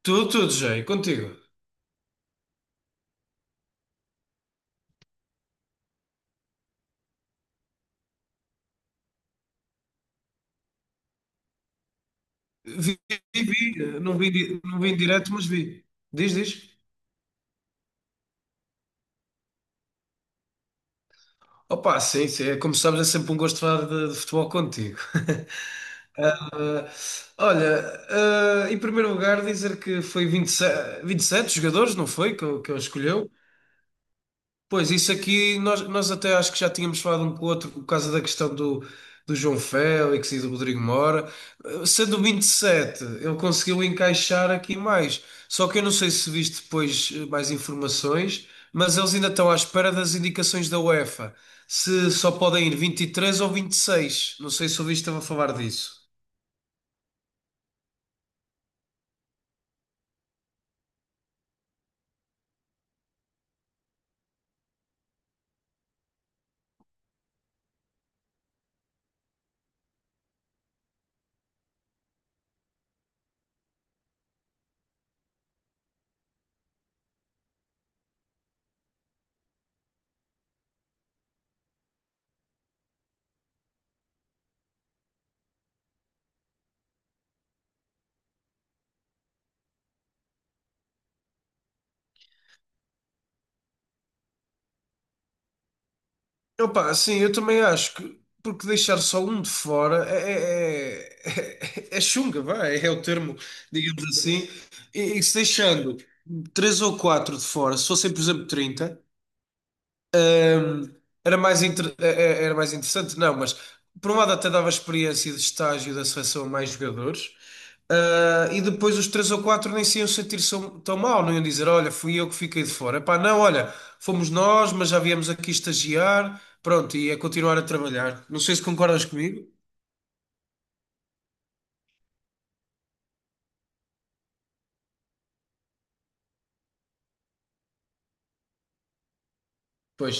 Tudo, tudo, Jay, contigo. Vi, vi, não vi, não vi em direto, mas vi. Diz, diz. Opa, sim, sim, é, como sabes, é sempre um gosto falar de futebol contigo. Olha, em primeiro lugar, dizer que foi vinte e sete jogadores, não foi? Que ele escolheu. Pois, isso aqui nós até acho que já tínhamos falado um com o outro por causa da questão do João Félix e do Rodrigo Mora. Sendo o 27, ele conseguiu encaixar aqui mais. Só que eu não sei se viste depois mais informações, mas eles ainda estão à espera das indicações da UEFA. Se só podem ir 23 ou 26. Não sei se ouviste a falar disso. Opa, sim, eu também acho que porque deixar só um de fora é chunga, vá, é, o termo, digamos assim. E se deixando três ou quatro de fora, se fossem, por exemplo, trinta. Hum, era mais, era mais interessante, não, mas por um lado até dava experiência de estágio da seleção a mais jogadores. E depois os três ou quatro nem se iam sentir tão mal, não iam dizer, olha, fui eu que fiquei de fora. Epá, não, olha, fomos nós, mas já viemos aqui estagiar, pronto, e a continuar a trabalhar. Não sei se concordas comigo. Pois,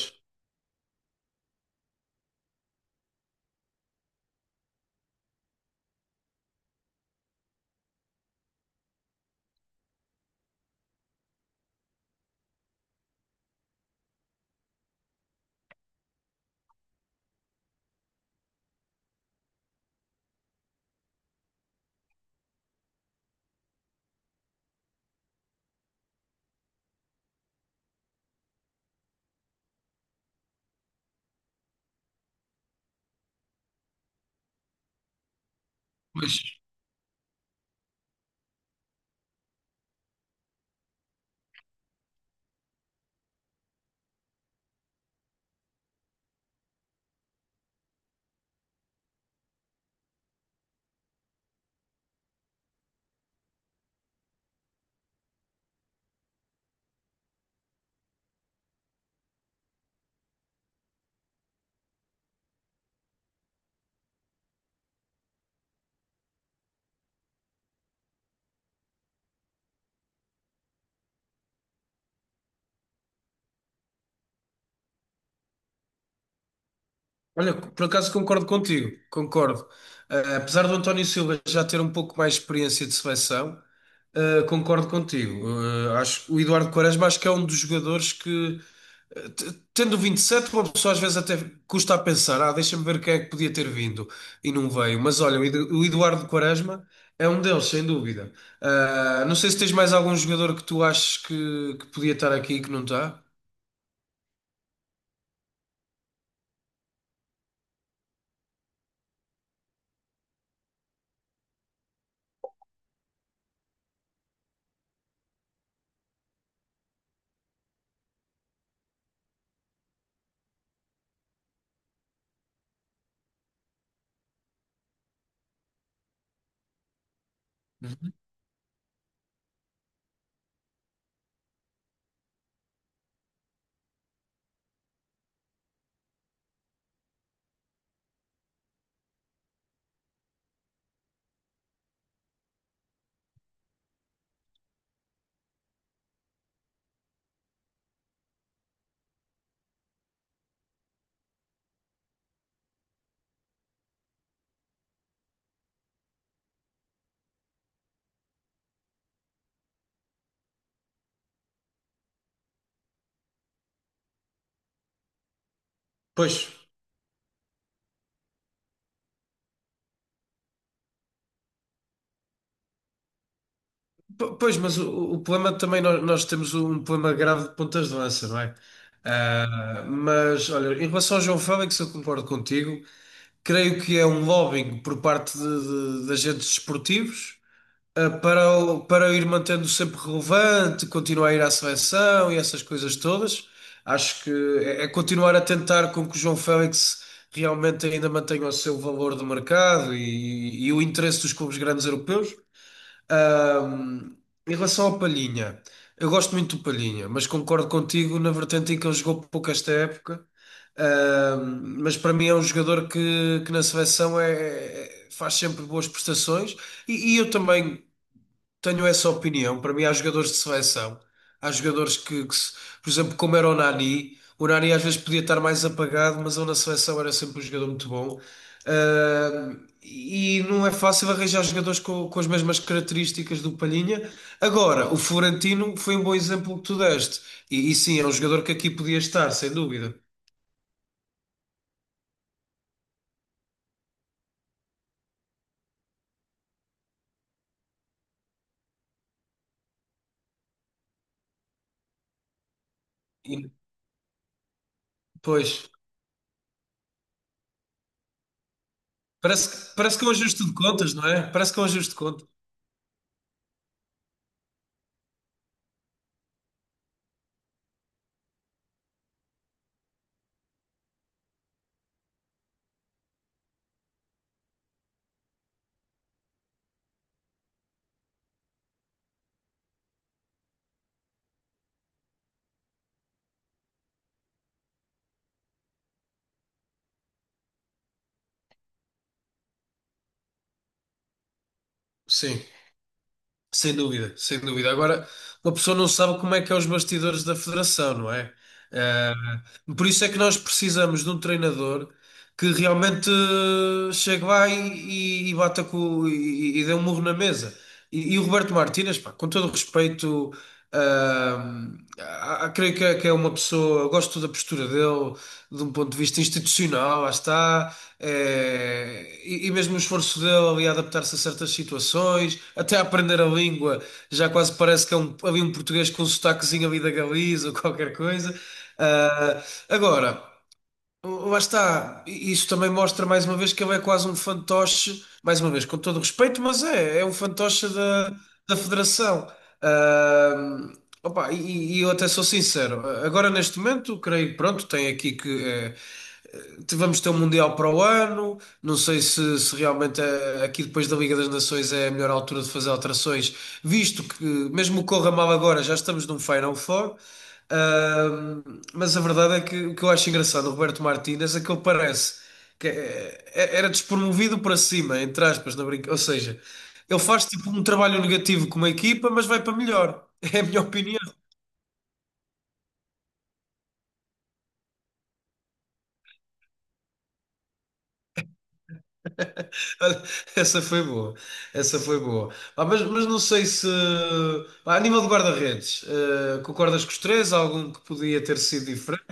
pois. Olha, por acaso concordo contigo, concordo. Apesar do António Silva já ter um pouco mais de experiência de seleção, concordo contigo. Acho o Eduardo Quaresma, acho que é um dos jogadores que, tendo 27, uma pessoa às vezes até custa a pensar, ah, deixa-me ver quem é que podia ter vindo e não veio. Mas olha, o o Eduardo Quaresma é um deles, sem dúvida. Ah, não sei se tens mais algum jogador que tu achas que podia estar aqui e que não está. Uhum. Pois. Pois, mas o problema também, nós temos um problema grave de pontas de lança, não é? Ah, mas, olha, em relação ao João Félix, eu concordo contigo. Creio que é um lobbying por parte de agentes desportivos, para, para o ir mantendo sempre relevante, continuar a ir à seleção e essas coisas todas. Acho que é continuar a tentar com que o João Félix realmente ainda mantenha o seu valor de mercado e o interesse dos clubes grandes europeus. Ahm, Em relação ao Palhinha, eu gosto muito do Palhinha, mas concordo contigo na vertente em que ele jogou pouco esta época. Mas para mim é um jogador que, na seleção faz sempre boas prestações e eu também. Tenho essa opinião. Para mim, há jogadores de seleção. Há jogadores que, por exemplo, como era o Nani às vezes podia estar mais apagado, mas ele na seleção era sempre um jogador muito bom. Ah, e não é fácil arranjar jogadores com as mesmas características do Palhinha. Agora, o Florentino foi um bom exemplo que tu deste. E sim, é um jogador que aqui podia estar, sem dúvida. E, pois, parece que é um ajuste de contas, não é? Parece que é um ajuste de contas. Sim. Sem dúvida, sem dúvida. Agora, uma pessoa não sabe como é que é os bastidores da federação, não é? Eh, por isso é que nós precisamos de um treinador que realmente chegue lá e bata com, e dê um murro na mesa. E o Roberto Martínez, pá, com todo o respeito. Ah, Creio que que é uma pessoa, gosto da postura dele, de um ponto de vista institucional, lá está, e mesmo o esforço dele ali a adaptar-se a certas situações, até a aprender a língua, já quase parece que é um, ali um português com um sotaquezinho ali da Galiza ou qualquer coisa. Ah, agora. Lá está, isso também mostra mais uma vez que ele é quase um fantoche, mais uma vez, com todo o respeito, mas é um fantoche da, da Federação. Ahm, Opa, e eu até sou sincero, agora neste momento, creio que pronto, tem aqui que, vamos ter um Mundial para o ano. Não sei se realmente, aqui depois da Liga das Nações é a melhor altura de fazer alterações, visto que, mesmo que corra mal agora, já estamos num Final Four. Ahm, mas a verdade é que o que eu acho engraçado, o Roberto Martínez, é que ele parece que era despromovido para cima, entre aspas, na brinca. Ou seja, ele faz tipo um trabalho negativo com uma equipa, mas vai para melhor. É a minha opinião. Olha, essa foi boa, essa foi boa. Pá, mas não sei se, pá, a nível de guarda-redes, concordas com os três? Há algum que podia ter sido diferente?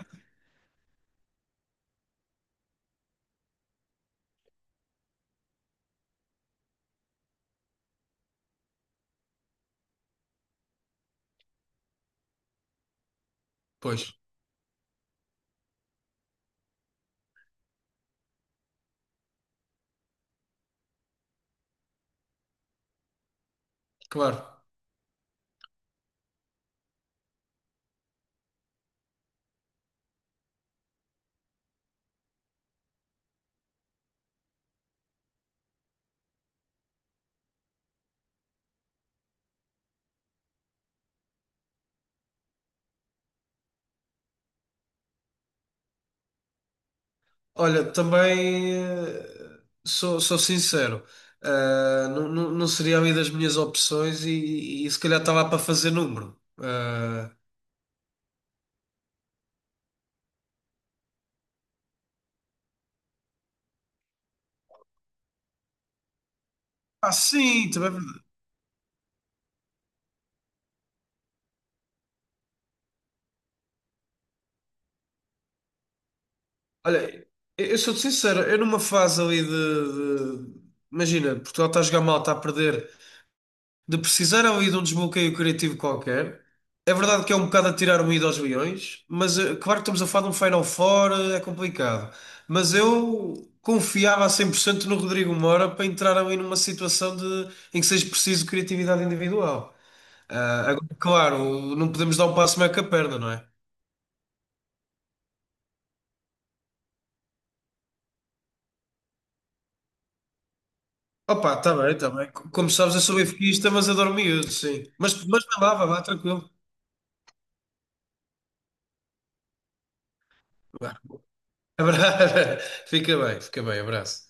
Pois, claro. Olha, também, sou, sou sincero, não, não, não seria a minha, das minhas opções e se calhar estava para fazer número. Eh, ah, sim, também. É verdade. Olha, eu sou-te sincero, eu numa fase ali de- imagina, Portugal está a jogar mal, está a perder, de precisar ali de um desbloqueio criativo qualquer. É verdade que é um bocado a tirar o ido aos leões, mas, claro que estamos a falar de um Final Four, é complicado. Mas eu confiava a 100% no Rodrigo Moura para entrar ali numa situação de, em que seja preciso criatividade individual. Ah, agora, claro, não podemos dar um passo meio com a perna, não é? Opa, está bem, está bem. Como sabes, eu sou benfiquista, mas adoro miúdos, sim. Mas não vá, vá, vá, tranquilo. Vá. Abra- fica bem, abraço.